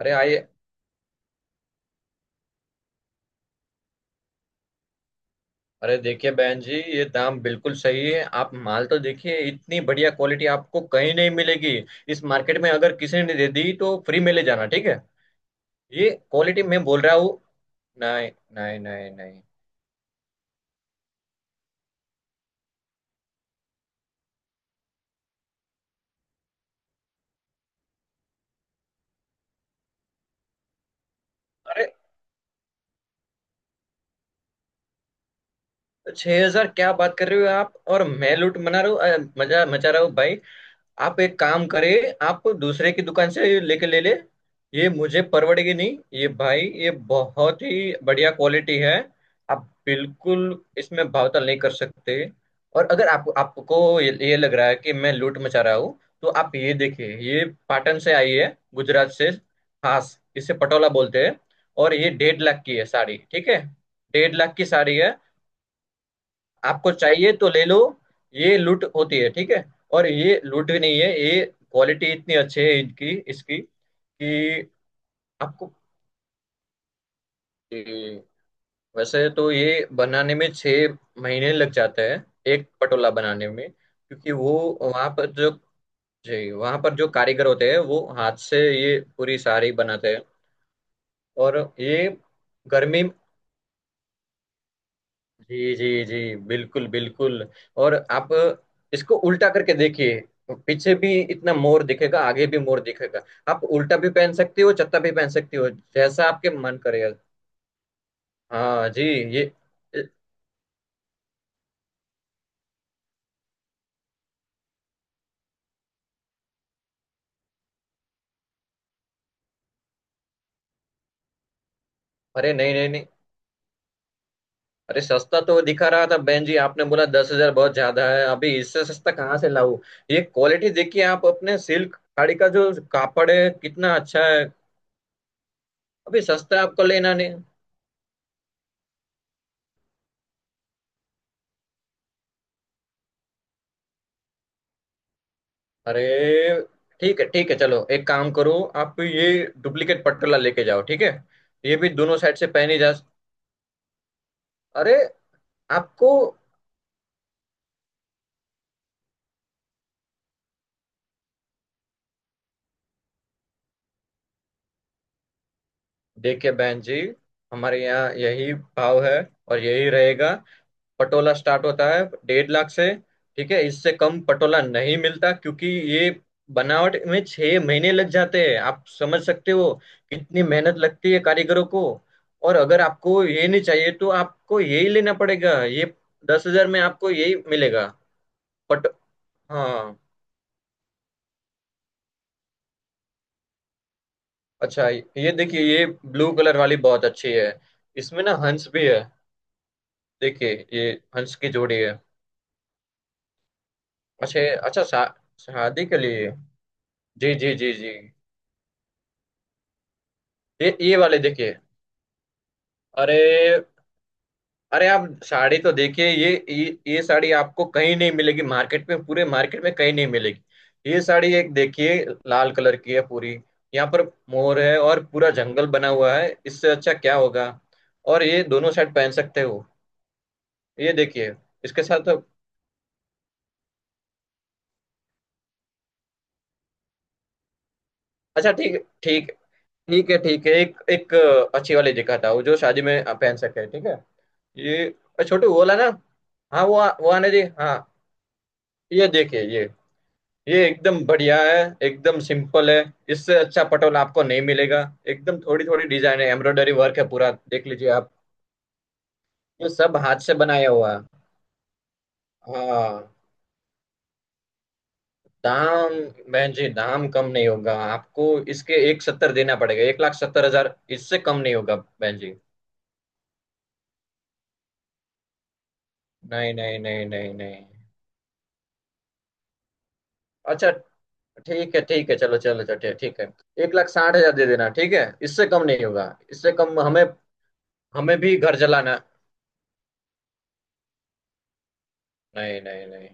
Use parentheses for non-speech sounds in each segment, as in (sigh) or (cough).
अरे आइए। अरे देखिए बहन जी, ये दाम बिल्कुल सही है। आप माल तो देखिए, इतनी बढ़िया क्वालिटी आपको कहीं नहीं मिलेगी। इस मार्केट में अगर किसी ने दे दी तो फ्री में ले जाना, ठीक है। ये क्वालिटी मैं बोल रहा हूँ। नहीं, नहीं, नहीं, नहीं। अरे 6000 क्या बात कर रहे हो आप! और मैं लूट मना रहा हूँ, मजा मचा रहा हूँ भाई। आप एक काम करें, आप दूसरे की दुकान से लेके ले ले। ये मुझे परवड़ेगी नहीं ये भाई, ये बहुत ही बढ़िया क्वालिटी है। आप बिल्कुल इसमें भावताल नहीं कर सकते। और अगर आप आपको ये लग रहा है कि मैं लूट मचा रहा हूँ, तो आप ये देखिए, ये पाटन से आई है गुजरात से, खास इसे पटोला बोलते हैं। और ये 1.5 लाख की है साड़ी, ठीक है। 1.5 लाख की साड़ी है। आपको चाहिए तो ले लो। ये लूट होती है, ठीक है। और ये लूट भी नहीं है ये। क्वालिटी इतनी अच्छी है इनकी इसकी कि आपको ये- वैसे तो ये बनाने में 6 महीने लग जाते हैं, एक पटोला बनाने में, क्योंकि वो, वहाँ पर जो जी, वहाँ पर जो कारीगर होते हैं वो हाथ से ये पूरी साड़ी बनाते हैं। और ये गर्मी। जी जी जी, बिल्कुल बिल्कुल। और आप इसको उल्टा करके देखिए, पीछे भी इतना मोर दिखेगा, आगे भी मोर दिखेगा। आप उल्टा भी पहन सकती हो, चत्ता भी पहन सकती हो, जैसा आपके मन करे। हाँ जी, ये। अरे नहीं, नहीं, नहीं। अरे सस्ता तो दिखा रहा था बहन जी, आपने बोला 10,000 बहुत ज्यादा है, अभी इससे सस्ता कहाँ से लाऊं। ये क्वालिटी देखिए आप, अपने सिल्क साड़ी का जो कापड़ है कितना अच्छा है। अभी सस्ता आपको लेना नहीं। अरे, ठीक है ठीक है, चलो एक काम करो। आप ये डुप्लीकेट पटकला लेके जाओ, ठीक है। ये भी दोनों साइड से पहनी जा। अरे, आपको, देखिए बहन जी, हमारे यहाँ यही भाव है और यही रहेगा। पटोला स्टार्ट होता है 1.5 लाख से, ठीक है। इससे कम पटोला नहीं मिलता क्योंकि ये बनावट में 6 महीने लग जाते हैं, आप समझ सकते हो कितनी मेहनत लगती है कारीगरों को। और अगर आपको ये नहीं चाहिए तो आपको यही लेना पड़ेगा, ये 10,000 में आपको यही मिलेगा। पट। हाँ, अच्छा ये देखिए, ये ब्लू कलर वाली बहुत अच्छी है, इसमें ना हंस भी है, देखिए ये, हंस की जोड़ी है। अच्छा, अच्छा शादी के लिए। जी जी जी जी। ये वाले देखिए। अरे, अरे, आप साड़ी तो देखिए, ये साड़ी आपको कहीं नहीं मिलेगी मार्केट में, पूरे मार्केट में कहीं नहीं मिलेगी। ये साड़ी एक देखिए, लाल कलर की है पूरी। यहाँ पर मोर है और पूरा जंगल बना हुआ है, इससे अच्छा क्या होगा। और ये दोनों साइड पहन सकते हो, ये देखिए। इसके साथ तो। अच्छा, ठीक, ठीक, ठीक है ठीक है, एक एक अच्छी वाली दिखाता हूँ जो शादी में आप पहन सके, ठीक है। ये छोटे वो वाला ना। हाँ, वो आने जी हाँ। ये देखिए ये एकदम बढ़िया है, एकदम सिंपल है, इससे अच्छा पटोला आपको नहीं मिलेगा। एकदम थोड़ी थोड़ी डिजाइन है, एम्ब्रॉयडरी वर्क है, पूरा देख लीजिए आप। ये सब हाथ से बनाया हुआ है। हाँ। दाम? बहन जी, दाम कम नहीं होगा आपको। इसके एक सत्तर देना पड़ेगा, 1 लाख 70 हज़ार, इससे कम नहीं होगा बहन जी। नहीं, नहीं, नहीं, नहीं, नहीं। अच्छा, ठीक है ठीक है, चलो चलो चलो, ठीक ठीक है। 1 लाख 60 हज़ार दे देना, ठीक है। इससे कम नहीं होगा, इससे कम हमें, हमें भी घर जलाना। नहीं, नहीं, नहीं।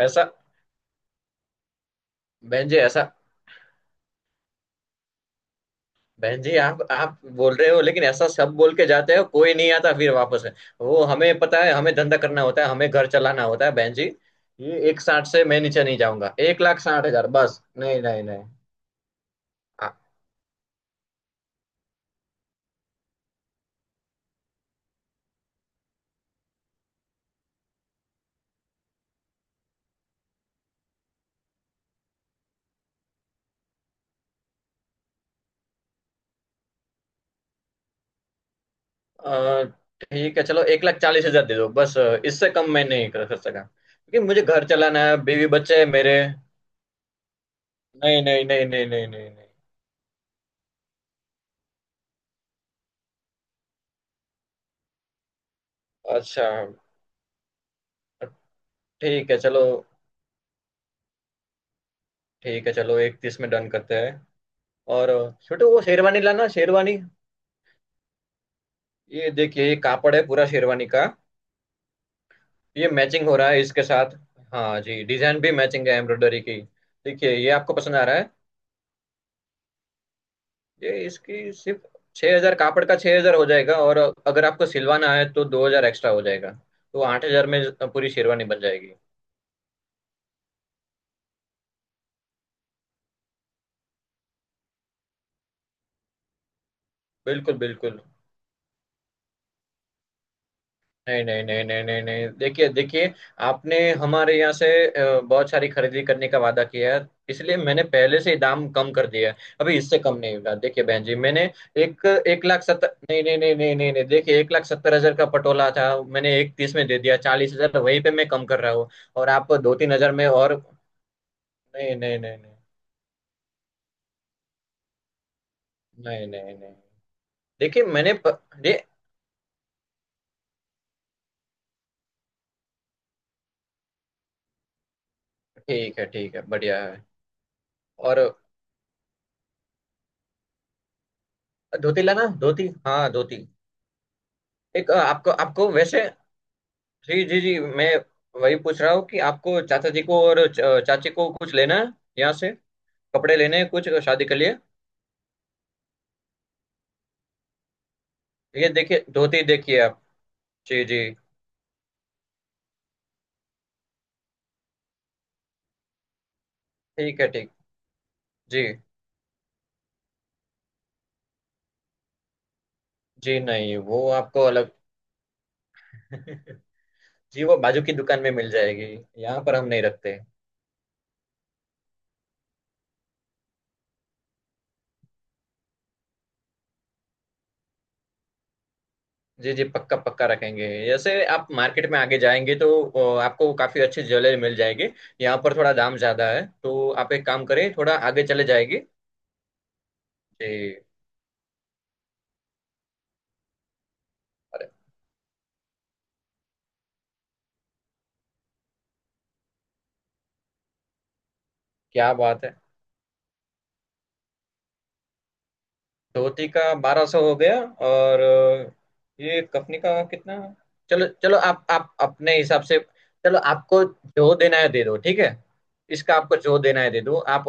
ऐसा, बहन जी ऐसा, बहन जी आप बोल रहे हो लेकिन ऐसा सब बोल के जाते हो, कोई नहीं आता फिर वापस है। वो हमें पता है, हमें धंधा करना होता है, हमें घर चलाना होता है बहन जी। ये एक साठ से मैं नीचे नहीं जाऊंगा, 1 लाख 60 हज़ार बस, नहीं, नहीं, नहीं। आ- अ, ठीक है चलो, 1 लाख 40 हज़ार दे दो बस, इससे कम मैं नहीं कर कर सका क्योंकि मुझे घर चलाना है, बीवी बच्चे है मेरे। नहीं, नहीं, नहीं, नहीं, नहीं, नहीं, नहीं। अच्छा, ठीक है चलो, ठीक है चलो 31 में डन करते हैं। और छोटे वो शेरवानी लाना, शेरवानी। ये देखिए, ये कापड़ है पूरा शेरवानी का। ये मैचिंग हो रहा है इसके साथ। हाँ जी, डिजाइन भी मैचिंग है एम्ब्रॉयडरी की। देखिए, ये आपको पसंद आ रहा है? ये इसकी सिर्फ 6000, कापड़ का 6000 हो जाएगा, और अगर आपको सिलवाना है तो 2000 एक्स्ट्रा हो जाएगा, तो 8000 में पूरी शेरवानी बन जाएगी। बिल्कुल बिल्कुल। नहीं, नहीं, नहीं, नहीं, नहीं, नहीं, देखिए देखिए, आपने हमारे यहाँ से बहुत सारी खरीदी करने का वादा किया है, इसलिए मैंने पहले से ही दाम कम कर दिया है, अभी इससे कम नहीं होगा, देखिए बहन जी, मैंने एक एक लाख सत्तर, नहीं, नहीं, नहीं, नहीं, नहीं, नहीं, देखिए 1 लाख 70 हज़ार का पटोला था, मैंने एक तीस में दे दिया, 40,000 वहीं पे मैं कम कर रहा हूँ। और आप 2-3 हज़ार में और, नहीं, नहीं, नहीं, नहीं, नहीं, नहीं, नहीं। देखिए, मैंने दे- ठीक है ठीक है, बढ़िया है। और धोती लाना, धोती, हाँ धोती। एक आपको आपको वैसे, जी जी जी, मैं वही पूछ रहा हूँ कि आपको चाचा जी को और चाची को कुछ लेना है, यहाँ से कपड़े लेने हैं कुछ शादी के लिए। ये देखिए धोती, देखिए आप। जी जी। ठीक है, ठीक। जी जी, नहीं वो आपको अलग (laughs) जी, वो बाजू की दुकान में मिल जाएगी, यहाँ पर हम नहीं रखते। जी जी, पक्का पक्का रखेंगे। जैसे आप मार्केट में आगे जाएंगे तो आपको काफी अच्छी ज्वेलरी मिल जाएगी। यहाँ पर थोड़ा दाम ज्यादा है, तो आप एक काम करें, थोड़ा आगे चले जाएंगे। जी। अरे क्या बात है! धोती का 1200 हो गया। और ये कफनी का कितना? चलो चलो, आप अपने हिसाब से, चलो आपको जो देना है दे दो, ठीक है। इसका आपको जो देना है दे दो आप।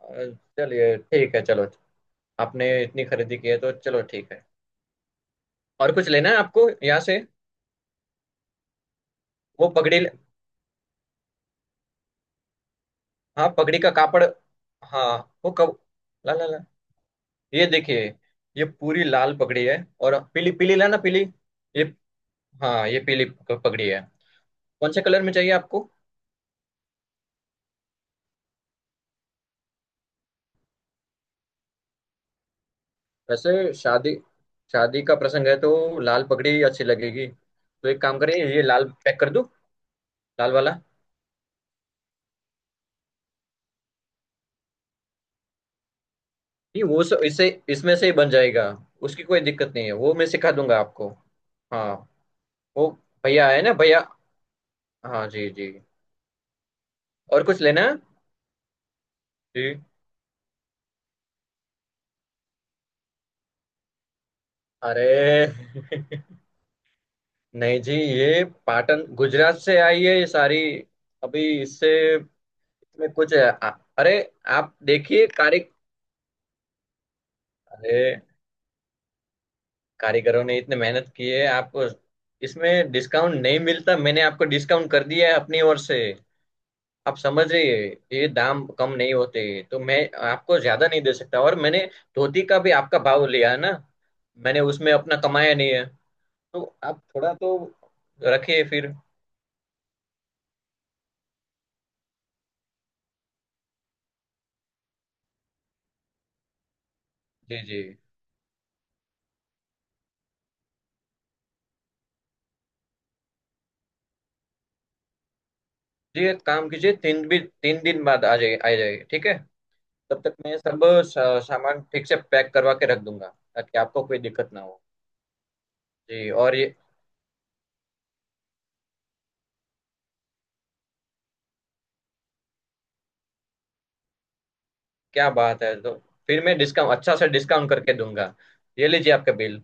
अ, चलिए, ठीक है चलो। आपने इतनी खरीदी की है तो चलो, ठीक है। और कुछ लेना है आपको यहाँ से? वो पगड़ी, हाँ पगड़ी का कापड़। हाँ, वो कब, ला ला ला, ये देखिए, ये पूरी लाल पगड़ी है। और पीली, पीली लाना, पीली, ये, हाँ ये पीली पगड़ी है। कौन से कलर में चाहिए आपको? वैसे शादी शादी का प्रसंग है तो लाल पगड़ी अच्छी लगेगी, तो एक काम करें, ये लाल पैक कर दूं, लाल वाला। नहीं, वो इससे इसमें से ही बन जाएगा, उसकी कोई दिक्कत नहीं है, वो मैं सिखा दूंगा आपको। हाँ। वो, भैया है ना भैया। हाँ जी जी। और कुछ लेना है? जी, अरे (laughs) नहीं जी, ये पाटन गुजरात से आई है ये सारी, अभी इससे, इसमें कुछ है। अरे, आप देखिए कारे, अरे, कारीगरों ने इतने मेहनत की है आपको। इसमें डिस्काउंट नहीं मिलता, मैंने आपको डिस्काउंट कर दिया है अपनी ओर से, आप समझ रही है। ये दाम कम नहीं होते, तो मैं आपको ज्यादा नहीं दे सकता, और मैंने धोती का भी आपका भाव लिया है ना, मैंने उसमें अपना कमाया नहीं है, तो आप थोड़ा तो रखिए फिर। जी जी। जी, एक काम कीजिए, 3 दिन बाद आ जाइए, आ जाइए, ठीक है। तब तक मैं सब सामान ठीक से पैक करवा के रख दूंगा, ताकि आपको कोई दिक्कत ना हो। जी, और ये, क्या बात है, तो फिर मैं डिस्काउंट अच्छा सा डिस्काउंट करके दूंगा। ये लीजिए आपका बिल।